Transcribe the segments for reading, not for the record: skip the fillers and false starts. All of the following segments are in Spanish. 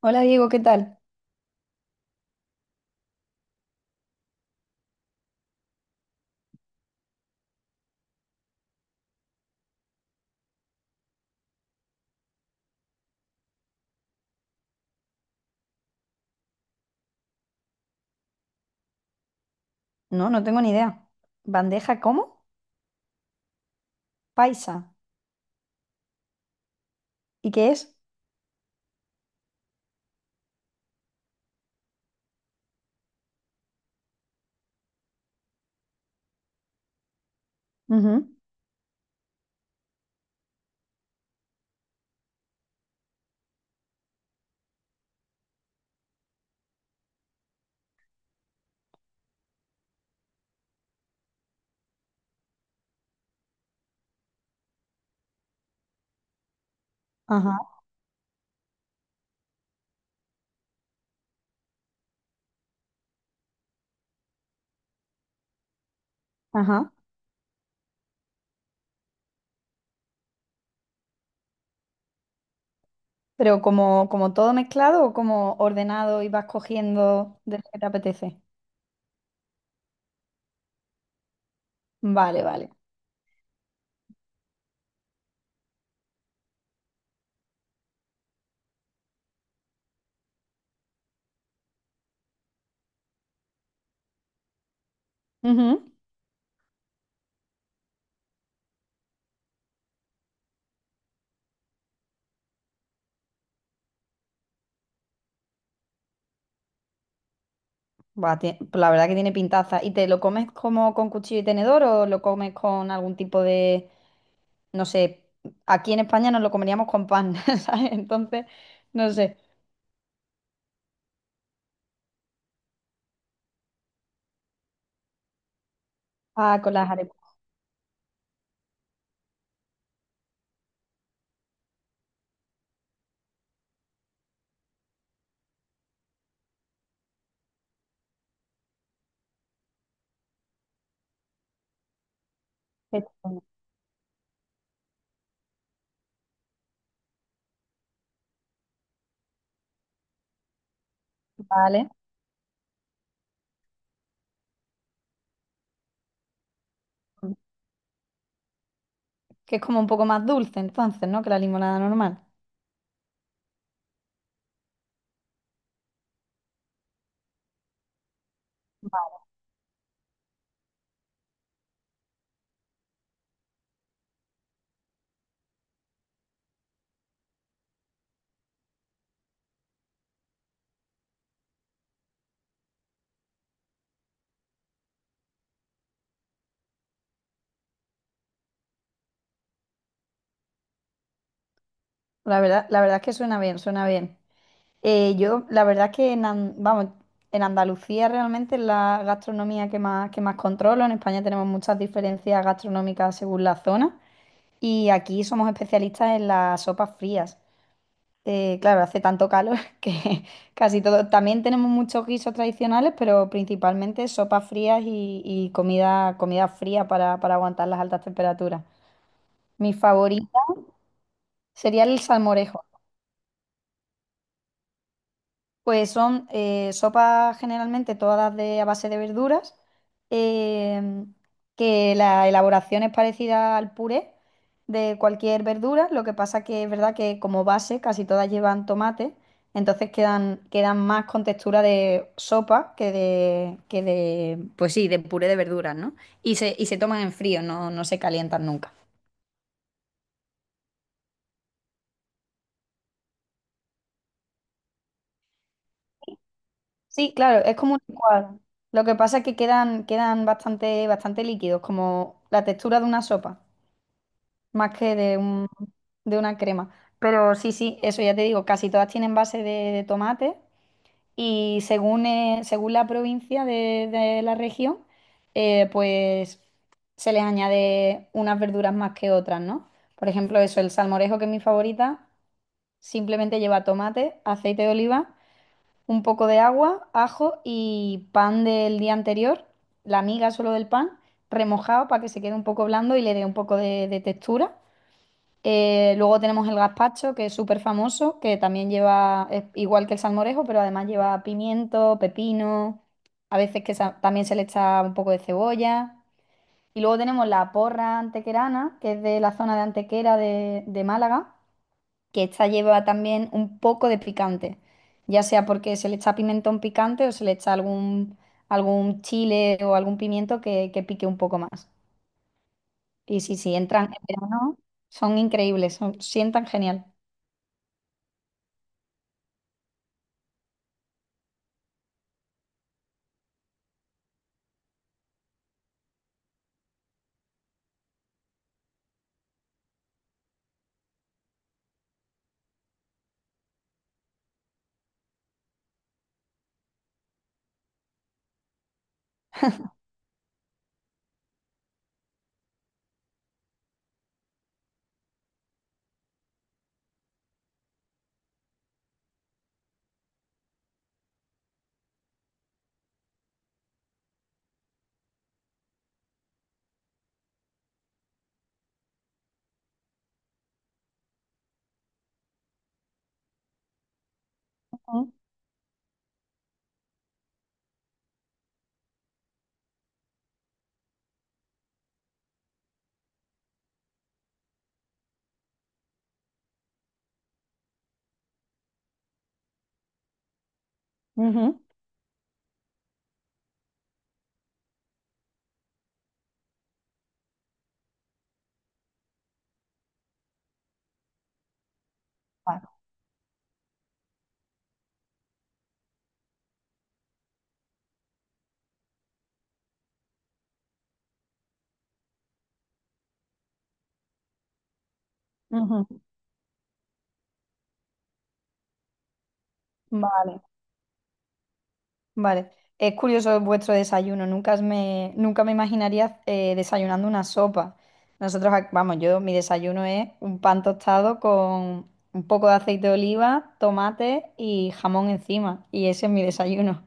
Hola Diego, ¿qué tal? No, no tengo ni idea. ¿Bandeja cómo? Paisa. ¿Y qué es? Ujú. Ajá, ajá. Pero como, todo mezclado o como ordenado y vas cogiendo de lo que te apetece. Vale, vale. Ujú. Buah, pues la verdad que tiene pintaza. ¿Y te lo comes como con cuchillo y tenedor o lo comes con algún tipo de, no sé, aquí en España nos lo comeríamos con pan, ¿sabes? Entonces, no sé. Ah, con las arepas. Vale. Que es como un poco más dulce entonces, ¿no? Que la limonada normal. La verdad es que suena bien, suena bien. Yo, la verdad es que en, vamos, en Andalucía realmente es la gastronomía que más controlo. En España tenemos muchas diferencias gastronómicas según la zona y aquí somos especialistas en las sopas frías. Claro, hace tanto calor que casi todo. También tenemos muchos guisos tradicionales, pero principalmente sopas frías y comida, comida fría para aguantar las altas temperaturas. Mi favorito sería el salmorejo. Pues son sopas generalmente todas de, a base de verduras, em, que la elaboración es parecida al puré de cualquier verdura, lo que pasa que es verdad que como base casi todas llevan tomate, entonces quedan, quedan más con textura de sopa que de, pues sí, de puré de verduras, ¿no? Y se toman en frío, no, no se calientan nunca. Sí, claro, es como un licuado. Lo que pasa es que quedan, quedan bastante, bastante líquidos, como la textura de una sopa, más que de un, de una crema. Pero sí, sí, eso ya te digo, casi todas tienen base de tomate y según, según la provincia de la región, pues se les añade unas verduras más que otras, ¿no? Por ejemplo, eso, el salmorejo, que es mi favorita, simplemente lleva tomate, aceite de oliva, un poco de agua, ajo y pan del día anterior, la miga solo del pan, remojado para que se quede un poco blando y le dé un poco de textura. Luego tenemos el gazpacho, que es súper famoso, que también lleva, es igual que el salmorejo, pero además lleva pimiento, pepino, a veces que también se le echa un poco de cebolla. Y luego tenemos la porra antequerana, que es de la zona de Antequera de Málaga, que esta lleva también un poco de picante, ya sea porque se le echa pimentón picante o se le echa algún, algún chile o algún pimiento que pique un poco más. Y sí, sí, entran en verano, son increíbles, sientan genial. Ujú, ujú, vale. Ujú, vale. Vale, es curioso vuestro desayuno. Nunca me, nunca me imaginaría desayunando una sopa. Nosotros, vamos, yo mi desayuno es un pan tostado con un poco de aceite de oliva, tomate y jamón encima. Y ese es mi desayuno.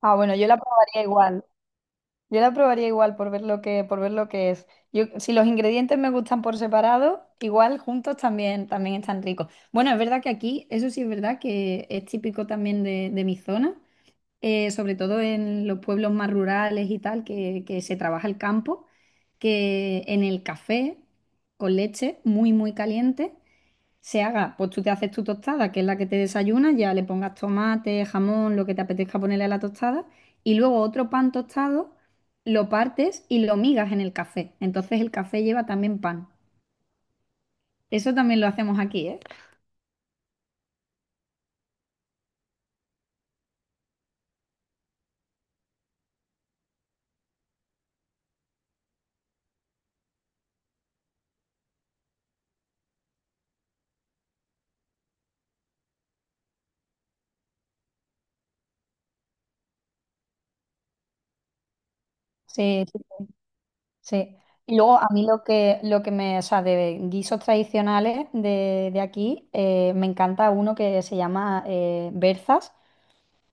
Ah, bueno, yo la probaría igual. Yo la probaría igual por ver lo que, por ver lo que es. Yo, si los ingredientes me gustan por separado, igual juntos también, también están ricos. Bueno, es verdad que aquí, eso sí es verdad que es típico también de mi zona. Sobre todo en los pueblos más rurales y tal, que se trabaja el campo, que en el café con leche muy, muy caliente se haga, pues tú te haces tu tostada, que es la que te desayunas, ya le pongas tomate, jamón, lo que te apetezca ponerle a la tostada, y luego otro pan tostado lo partes y lo migas en el café. Entonces el café lleva también pan. Eso también lo hacemos aquí, ¿eh? Sí. Y luego a mí lo que me, o sea, de guisos tradicionales de aquí, me encanta uno que se llama berzas,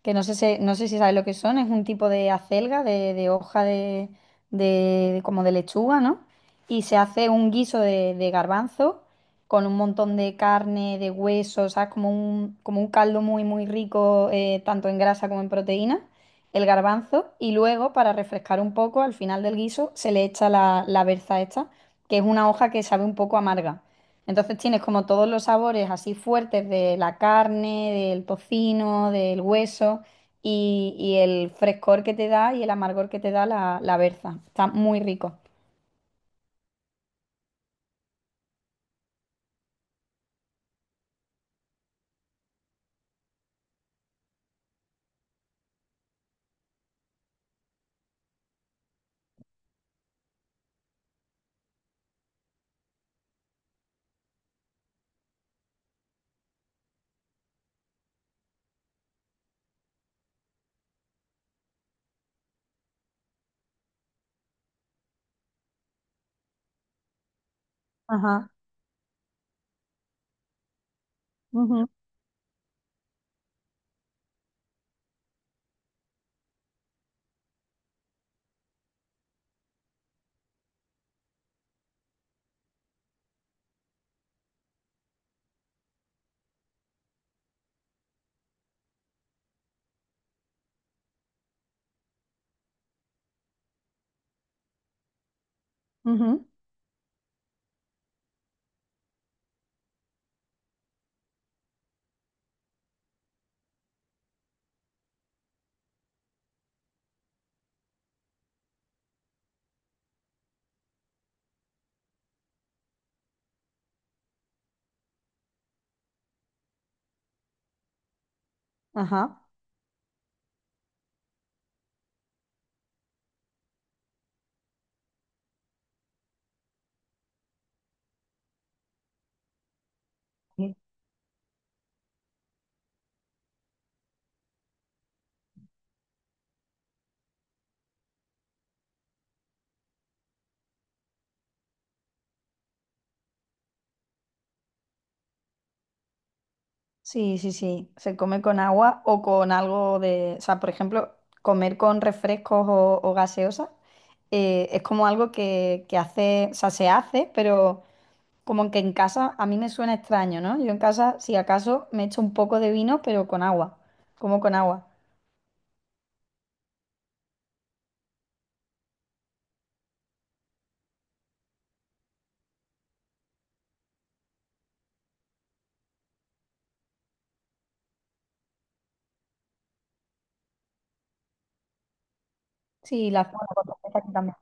que no sé, no sé si sabes lo que son, es un tipo de acelga, de hoja de, como de lechuga, ¿no? Y se hace un guiso de garbanzo con un montón de carne, de huesos, ¿sabes? Como un caldo muy, muy rico, tanto en grasa como en proteína, el garbanzo. Y luego, para refrescar un poco, al final del guiso se le echa la, la berza esta, que es una hoja que sabe un poco amarga. Entonces tienes como todos los sabores así fuertes de la carne, del tocino, del hueso y el frescor que te da y el amargor que te da la, la berza. Está muy rico. Ajá, ujú, ujú, ajá. Sí. Sí, sí, sí. Se come con agua o con algo de... O sea, por ejemplo, comer con refrescos o gaseosas, es como algo que hace, o sea, se hace, pero como que en casa a mí me suena extraño, ¿no? Yo en casa, si acaso, me echo un poco de vino, pero con agua. Como con agua. Sí, la zona por supuesto, aquí también.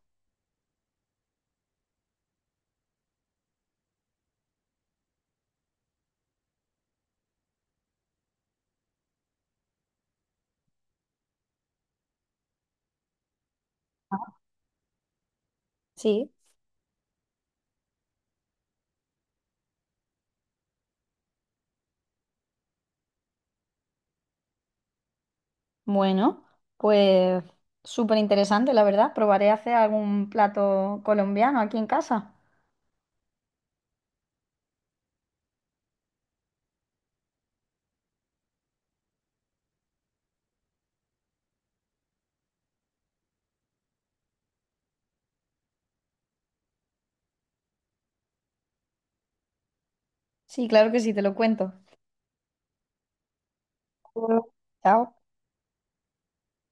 Sí, bueno, pues súper interesante, la verdad. Probaré a hacer algún plato colombiano aquí en casa. Sí, claro que sí, te lo cuento. Chao.